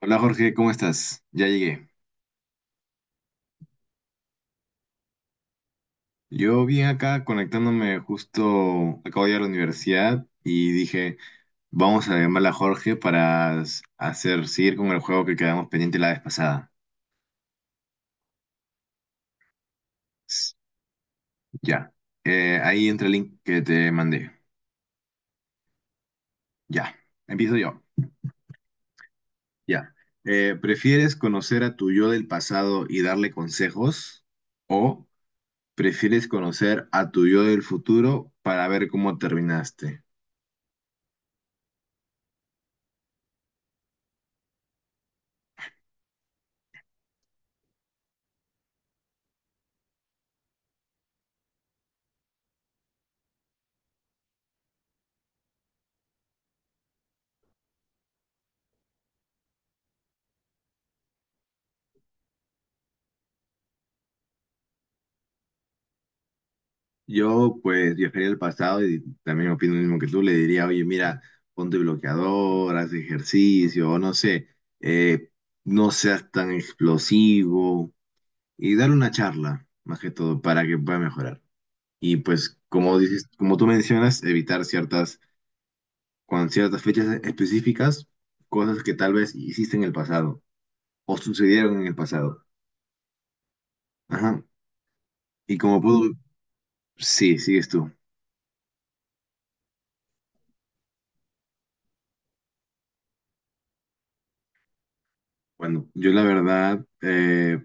Hola Jorge, ¿cómo estás? Ya llegué. Yo vine acá conectándome justo, acabo de ir a la universidad y dije, vamos a llamar a Jorge para hacer, seguir con el juego que quedamos pendiente la vez pasada. S- Ya. Ahí entra el link que te mandé. Ya. Empiezo yo. Ya. ¿Prefieres conocer a tu yo del pasado y darle consejos? ¿O prefieres conocer a tu yo del futuro para ver cómo terminaste? Yo pues viajaría al pasado y también opino lo mismo que tú, le diría, oye, mira, ponte bloqueador, haz ejercicio, o no sé, eh, no seas tan explosivo y dar una charla, más que todo, para que pueda mejorar. Y pues, como dices, como tú mencionas, evitar ciertas, con ciertas fechas específicas, cosas que tal vez hiciste en el pasado o sucedieron en el pasado. Ajá. Y como puedo, sí, sigues tú. Bueno, yo la verdad...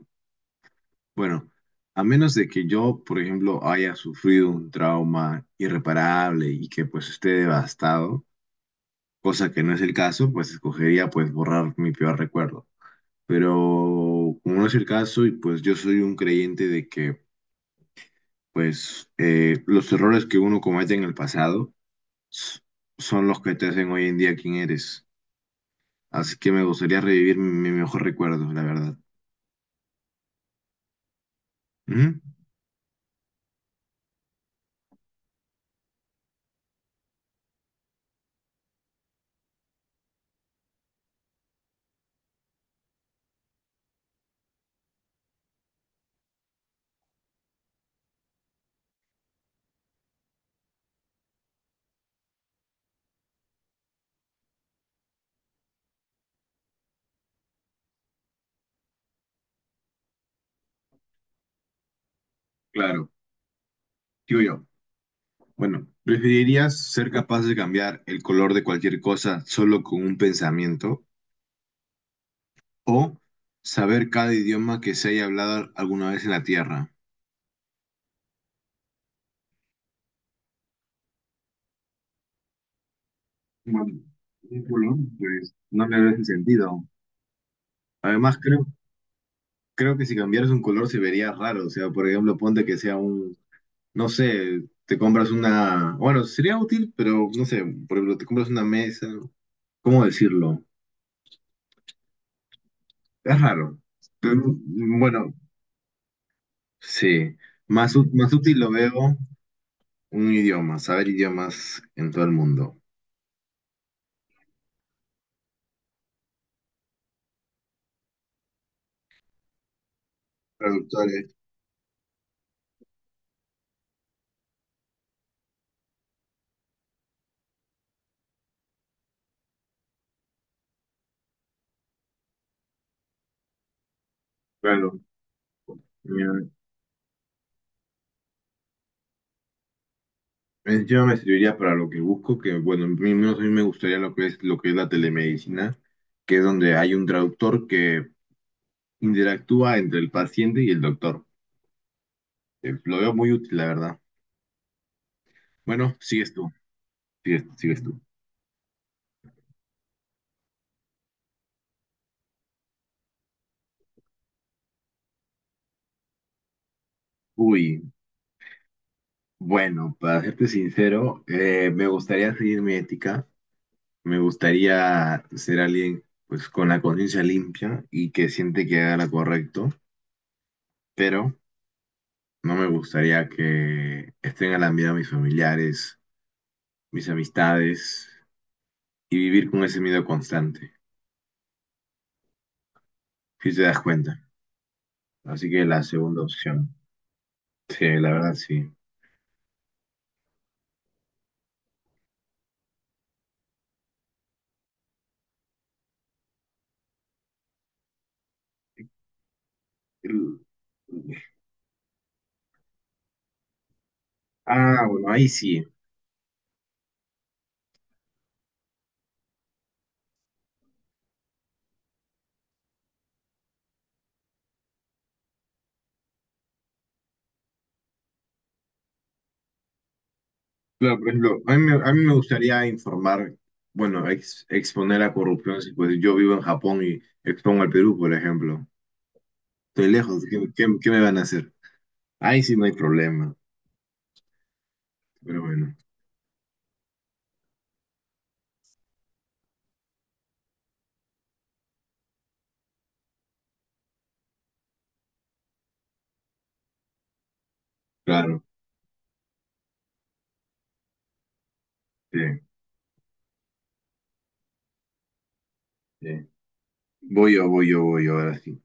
Bueno, a menos de que yo, por ejemplo, haya sufrido un trauma irreparable y que pues esté devastado, cosa que no es el caso, pues escogería pues borrar mi peor recuerdo. Pero como no es el caso y pues yo soy un creyente de que pues los errores que uno comete en el pasado s- son los que te hacen hoy en día quien eres. Así que me gustaría revivir mi mejor recuerdo, la verdad. Ujú. Claro, digo yo. Bueno, ¿preferirías ser capaz de cambiar el color de cualquier cosa solo con un pensamiento o saber cada idioma que se haya hablado alguna vez en la Tierra? Bueno, un color, pues no le veo ese sentido. Además, creo que si cambiaras un color se vería raro. O sea, por ejemplo, ponte que sea un, no sé, te compras una, bueno, sería útil, pero no sé, por ejemplo, te compras una mesa. ¿Cómo decirlo? Es raro. Pero, bueno, sí, más, más útil lo veo. Un idioma, saber idiomas en todo el mundo. Traductores, claro. Mira, encima me serviría para lo que busco, que bueno, a mí, no, a mí me gustaría lo que es la telemedicina, que es donde hay un traductor que interactúa entre el paciente y el doctor. Lo veo muy útil, la verdad. Bueno, sigues tú, sigues tú. Uy, bueno, para serte sincero, me gustaría seguir mi ética, me gustaría ser alguien pues con la conciencia limpia y que siente que haga lo correcto pero no me gustaría que estén alarmando a mis familiares, mis amistades y vivir con ese miedo constante, si te das cuenta. Así que la segunda opción, sí, la verdad sí. El- Ah, bueno, ahí sí. Claro, por ejemplo, a mí, a mí me gustaría informar, bueno, exponer la corrupción, si pues yo vivo en Japón y expongo al Perú, por ejemplo. Estoy lejos, ¿qué, qué me van a hacer? Ahí sí no hay problema, pero bueno, claro, sí, sí. Voy yo, voy yo, voy yo, ahora sí.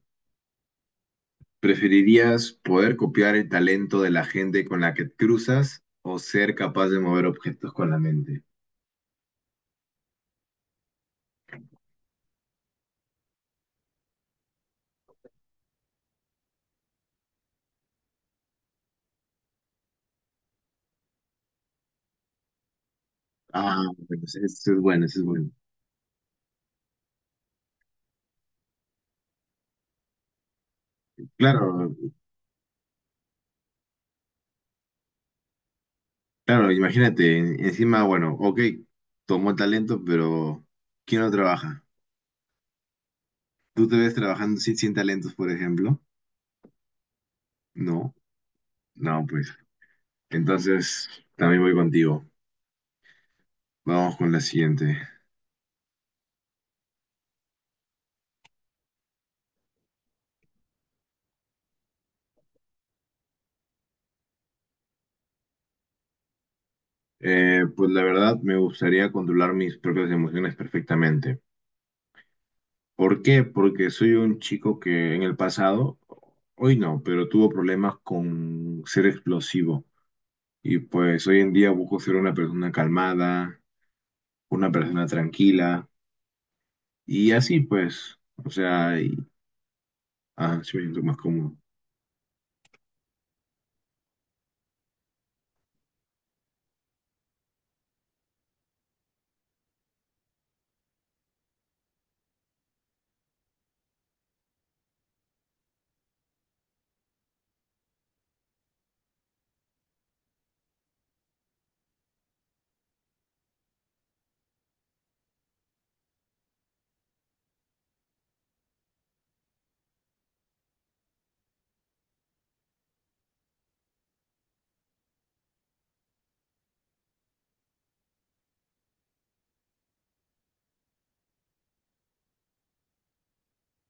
¿Preferirías poder copiar el talento de la gente con la que te cruzas o ser capaz de mover objetos con la mente? Ah, bueno, eso es bueno, eso es bueno. Claro, claro, imagínate, encima, bueno, ok, tomó talento, pero ¿quién no trabaja? ¿Tú te ves trabajando sin, sin talentos, por ejemplo? No, no, pues. Entonces, también voy contigo. Vamos con la siguiente. Pues la verdad, me gustaría controlar mis propias emociones perfectamente. ¿Por qué? Porque soy un chico que en el pasado, hoy no, pero tuvo problemas con ser explosivo. Y pues hoy en día busco ser una persona calmada, una persona tranquila. Y así pues, o sea, y, ah, sí me siento más cómodo.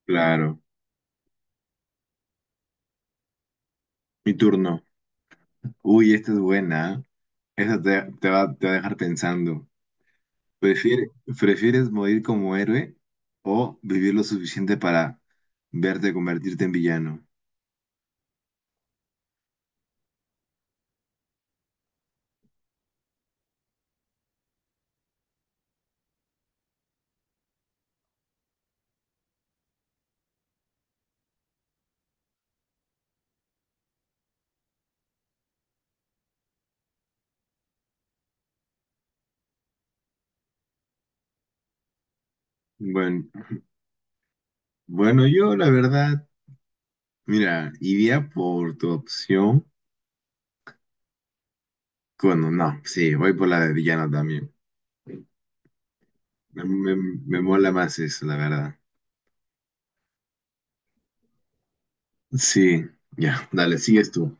Claro. Mi turno. Uy, esta es buena, ¿eh? Esta te, te va a dejar pensando. ¿Prefieres, prefieres morir como héroe o vivir lo suficiente para verte convertirte en villano? Bueno, Bueno, yo la verdad, mira, iría por tu opción. Bueno, no, sí, voy por la de villano también. Me, me mola más eso, la verdad. Sí, ya, dale, sigues tú.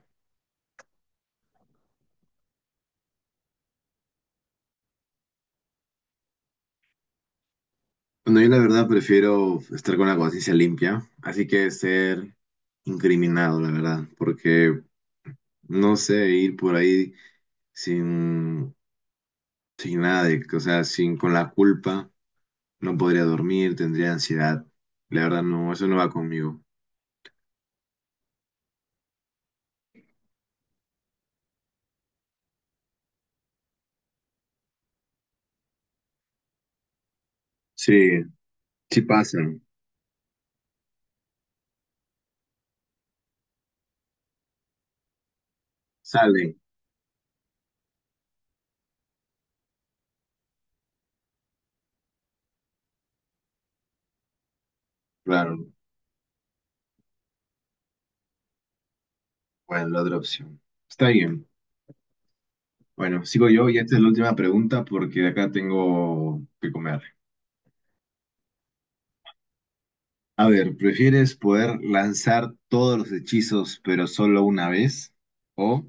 Bueno, yo la verdad prefiero estar con la conciencia limpia, así que ser incriminado, la verdad, porque no sé, ir por ahí sin, sin nada de, o sea, sin con la culpa, no podría dormir, tendría ansiedad. La verdad, no, eso no va conmigo. Sí, Si pasan, salen, claro. Bueno, la otra opción. Está bien. Bueno, sigo yo y esta es la última pregunta porque de acá tengo que comer. A ver, ¿prefieres poder lanzar todos los hechizos pero solo una vez? ¿O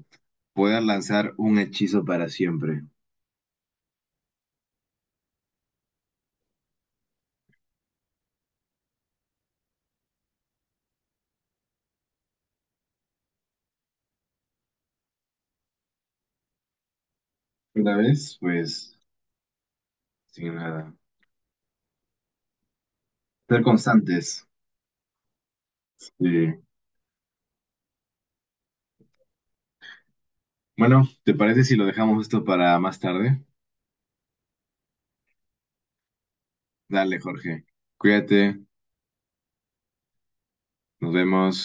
poder lanzar un hechizo para siempre? Una vez, pues, sin nada. Ser constantes. Sí. Bueno, ¿te parece si lo dejamos esto para más tarde? Dale, Jorge. Cuídate. Nos vemos.